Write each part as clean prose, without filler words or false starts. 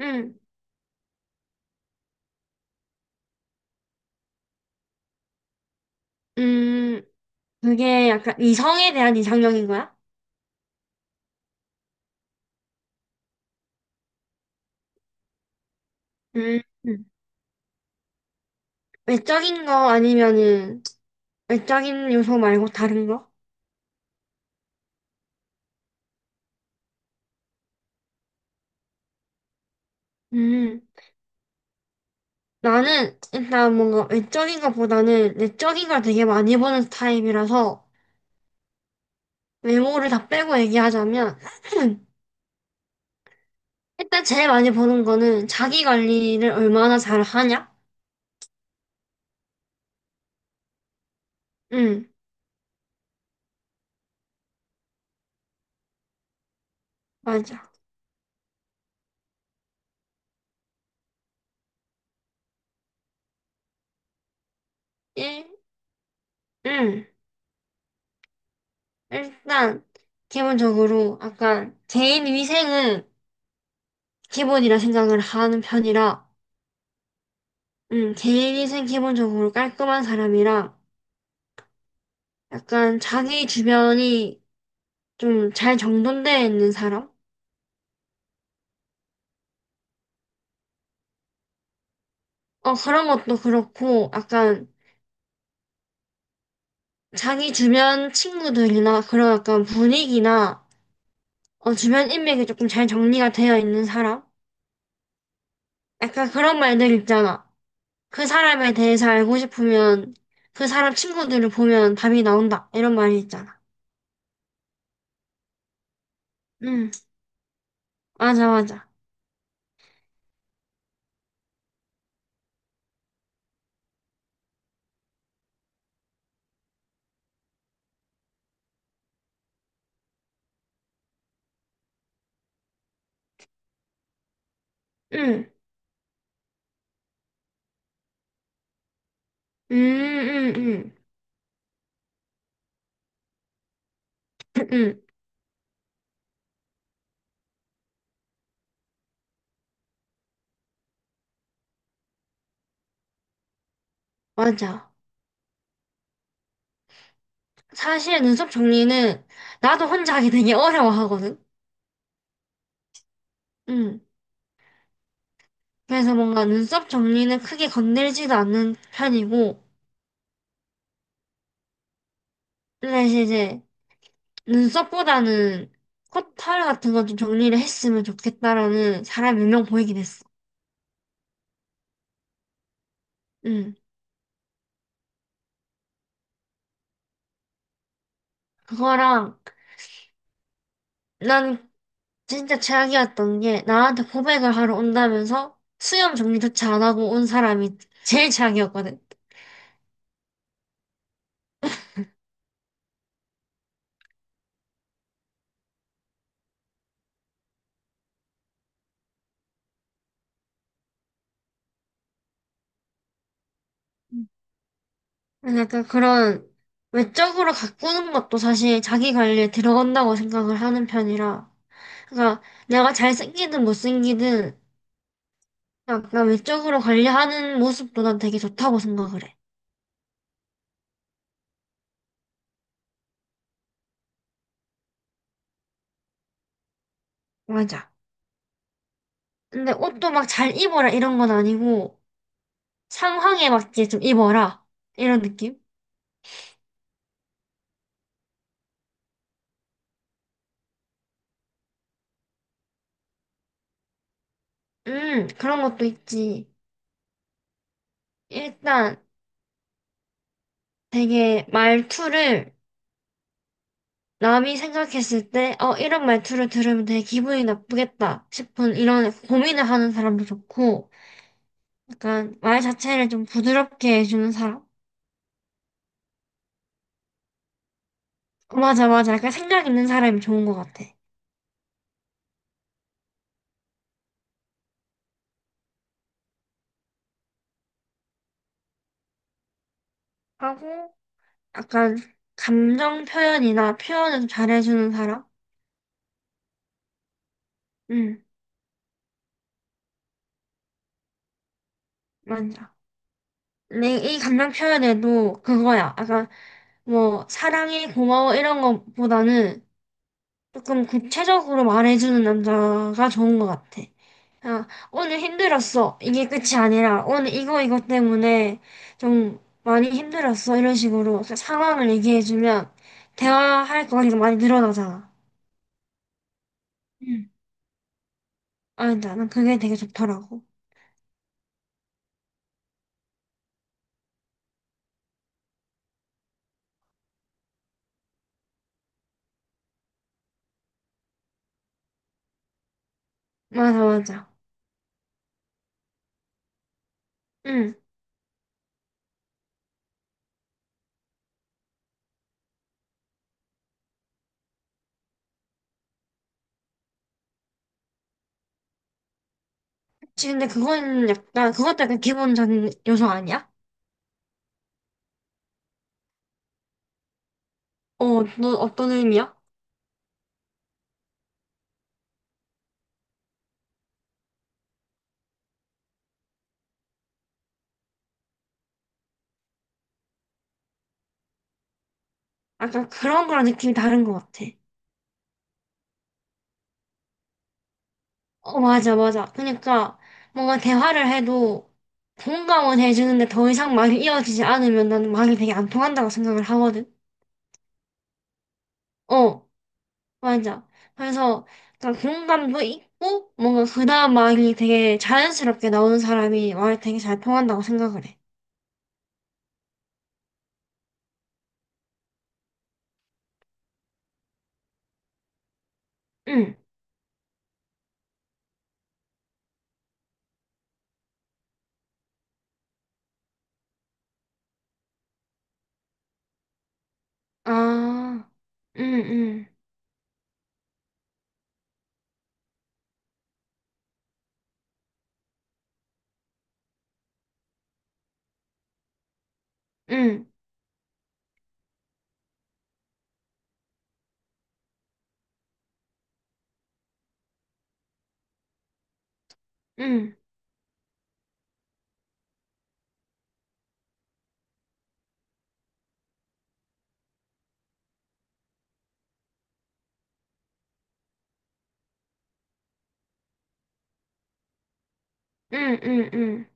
응. 음, 그게 약간 이성에 대한 이상형인 거야? 음. 음. 외적인 거 아니면은 외적인 요소 말고 다른 거? 음, 나는 일단 뭔가 외적인 것보다는 내적인 걸 되게 많이 보는 타입이라서 외모를 다 빼고 얘기하자면 일단 제일 많이 보는 거는 자기 관리를 얼마나 잘 하냐? 응. 맞아. 일, 응. 일단 기본적으로 약간 개인 위생은 기본이라 생각을 하는 편이라, 개인위생 기본적으로 깔끔한 사람이랑, 약간 자기 주변이 좀 잘 정돈되어 있는 사람? 어, 그런 것도 그렇고, 약간 자기 주변 친구들이나 그런 약간 분위기나, 어, 주변 인맥이 조금 잘 정리가 되어 있는 사람? 약간 그런 말들 있잖아. 그 사람에 대해서 알고 싶으면, 그 사람 친구들을 보면 답이 나온다. 이런 말이 있잖아. 응, 맞아, 맞아. 응. 음, 음, 음. 응, 맞아. 사실 눈썹 정리는 나도 혼자 하기 되게 어려워하거든. 응. 그래서 뭔가 눈썹 정리는 크게 건들지도 않는 편이고, 사실 이제 눈썹보다는 코털 같은 거 좀 정리를 했으면 좋겠다라는 사람 몇 명 보이긴 했어. 응. 그거랑 난 진짜 최악이었던 게 나한테 고백을 하러 온다면서 수염 정리조차 안 하고 온 사람이 제일 최악이었거든. 근데 약간 그런 외적으로 가꾸는 것도 사실 자기 관리에 들어간다고 생각을 하는 편이라. 그러니까 내가 잘생기든 못생기든 약간 외적으로 관리하는 모습도 난 되게 좋다고 생각을 해. 맞아. 근데 옷도 막 잘 입어라 이런 건 아니고 상황에 맞게 좀 입어라 이런 느낌? 그런 것도 있지. 일단 되게 말투를 남이 생각했을 때, 이런 말투를 들으면 되게 기분이 나쁘겠다 싶은 이런 고민을 하는 사람도 좋고, 약간 말 자체를 좀 부드럽게 해주는 사람? 맞아, 맞아. 약간 생각 있는 사람이 좋은 것 같아. 하고, 약간 감정 표현이나 표현을 좀 잘해주는 사람? 응, 맞아. 근데 이 감정 표현에도 그거야. 약간 뭐, 사랑해, 고마워 이런 것보다는 조금 구체적으로 말해주는 남자가 좋은 것 같아. 아, 오늘 힘들었어. 이게 끝이 아니라, 오늘 이거, 이거 때문에 좀 많이 힘들었어. 이런 식으로 상황을 얘기해주면, 대화할 거리가 많이 늘어나잖아. 응. 아니다, 난 그게 되게 좋더라고. 맞아, 맞아. 응. 혹시 근데 그건 약간, 그것도 약간 기본적인 요소 아니야? 어, 너 어떤 의미야? 약간 그런 거랑 느낌이 다른 것 같아. 어, 맞아, 맞아. 그러니까 뭔가 대화를 해도 공감은 해주는데 더 이상 말이 이어지지 않으면 나는 말이 되게 안 통한다고 생각을 하거든. 어, 맞아. 그래서 그러니까 공감도 있고 뭔가 그 다음 말이 되게 자연스럽게 나오는 사람이 말이 되게 잘 통한다고 생각을 해. 응. 아, 응, 응, 응, 응, 응, 응, 응.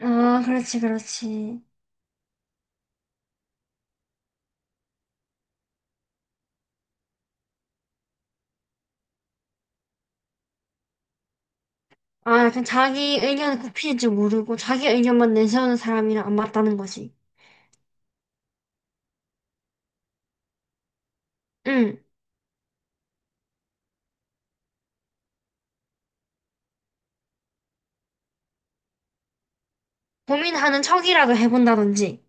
아, 그렇지, 그렇지. 아, 약간 자기 의견을 굽힐 줄 모르고 자기 의견만 내세우는 사람이랑 안 맞다는 거지. 응. 고민하는 척이라도 해본다든지.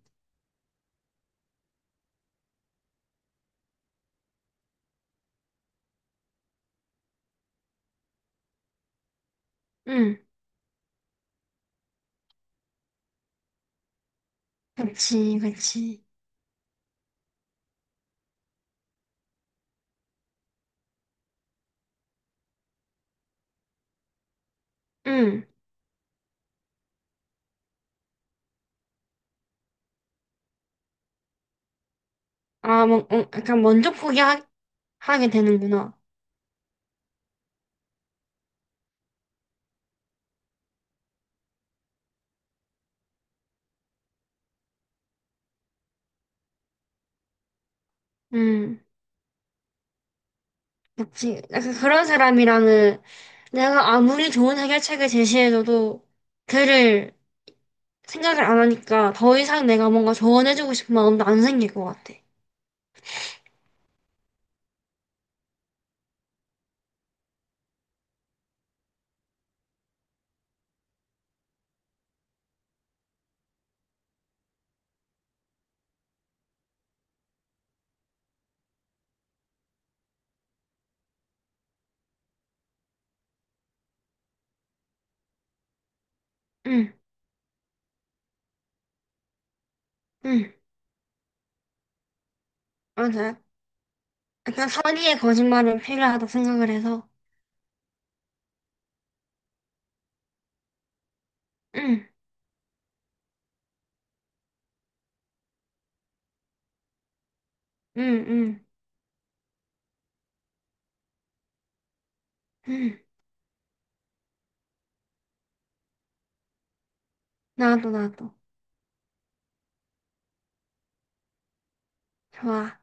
응. 그렇지, 그렇지. 응. 아, 뭐, 어, 약간 먼저 포기하게 되는구나. 응. 그렇지. 약간 그런 사람이랑은 내가 아무리 좋은 해결책을 제시해줘도 그를 생각을 안 하니까 더 이상 내가 뭔가 조언해주고 싶은 마음도 안 생길 것 같아. 응, 응, 맞아. 약간 선의의 거짓말은 필요하다 생각을 해서. 응, 응, 응, 응. 나도, 나도. 좋아.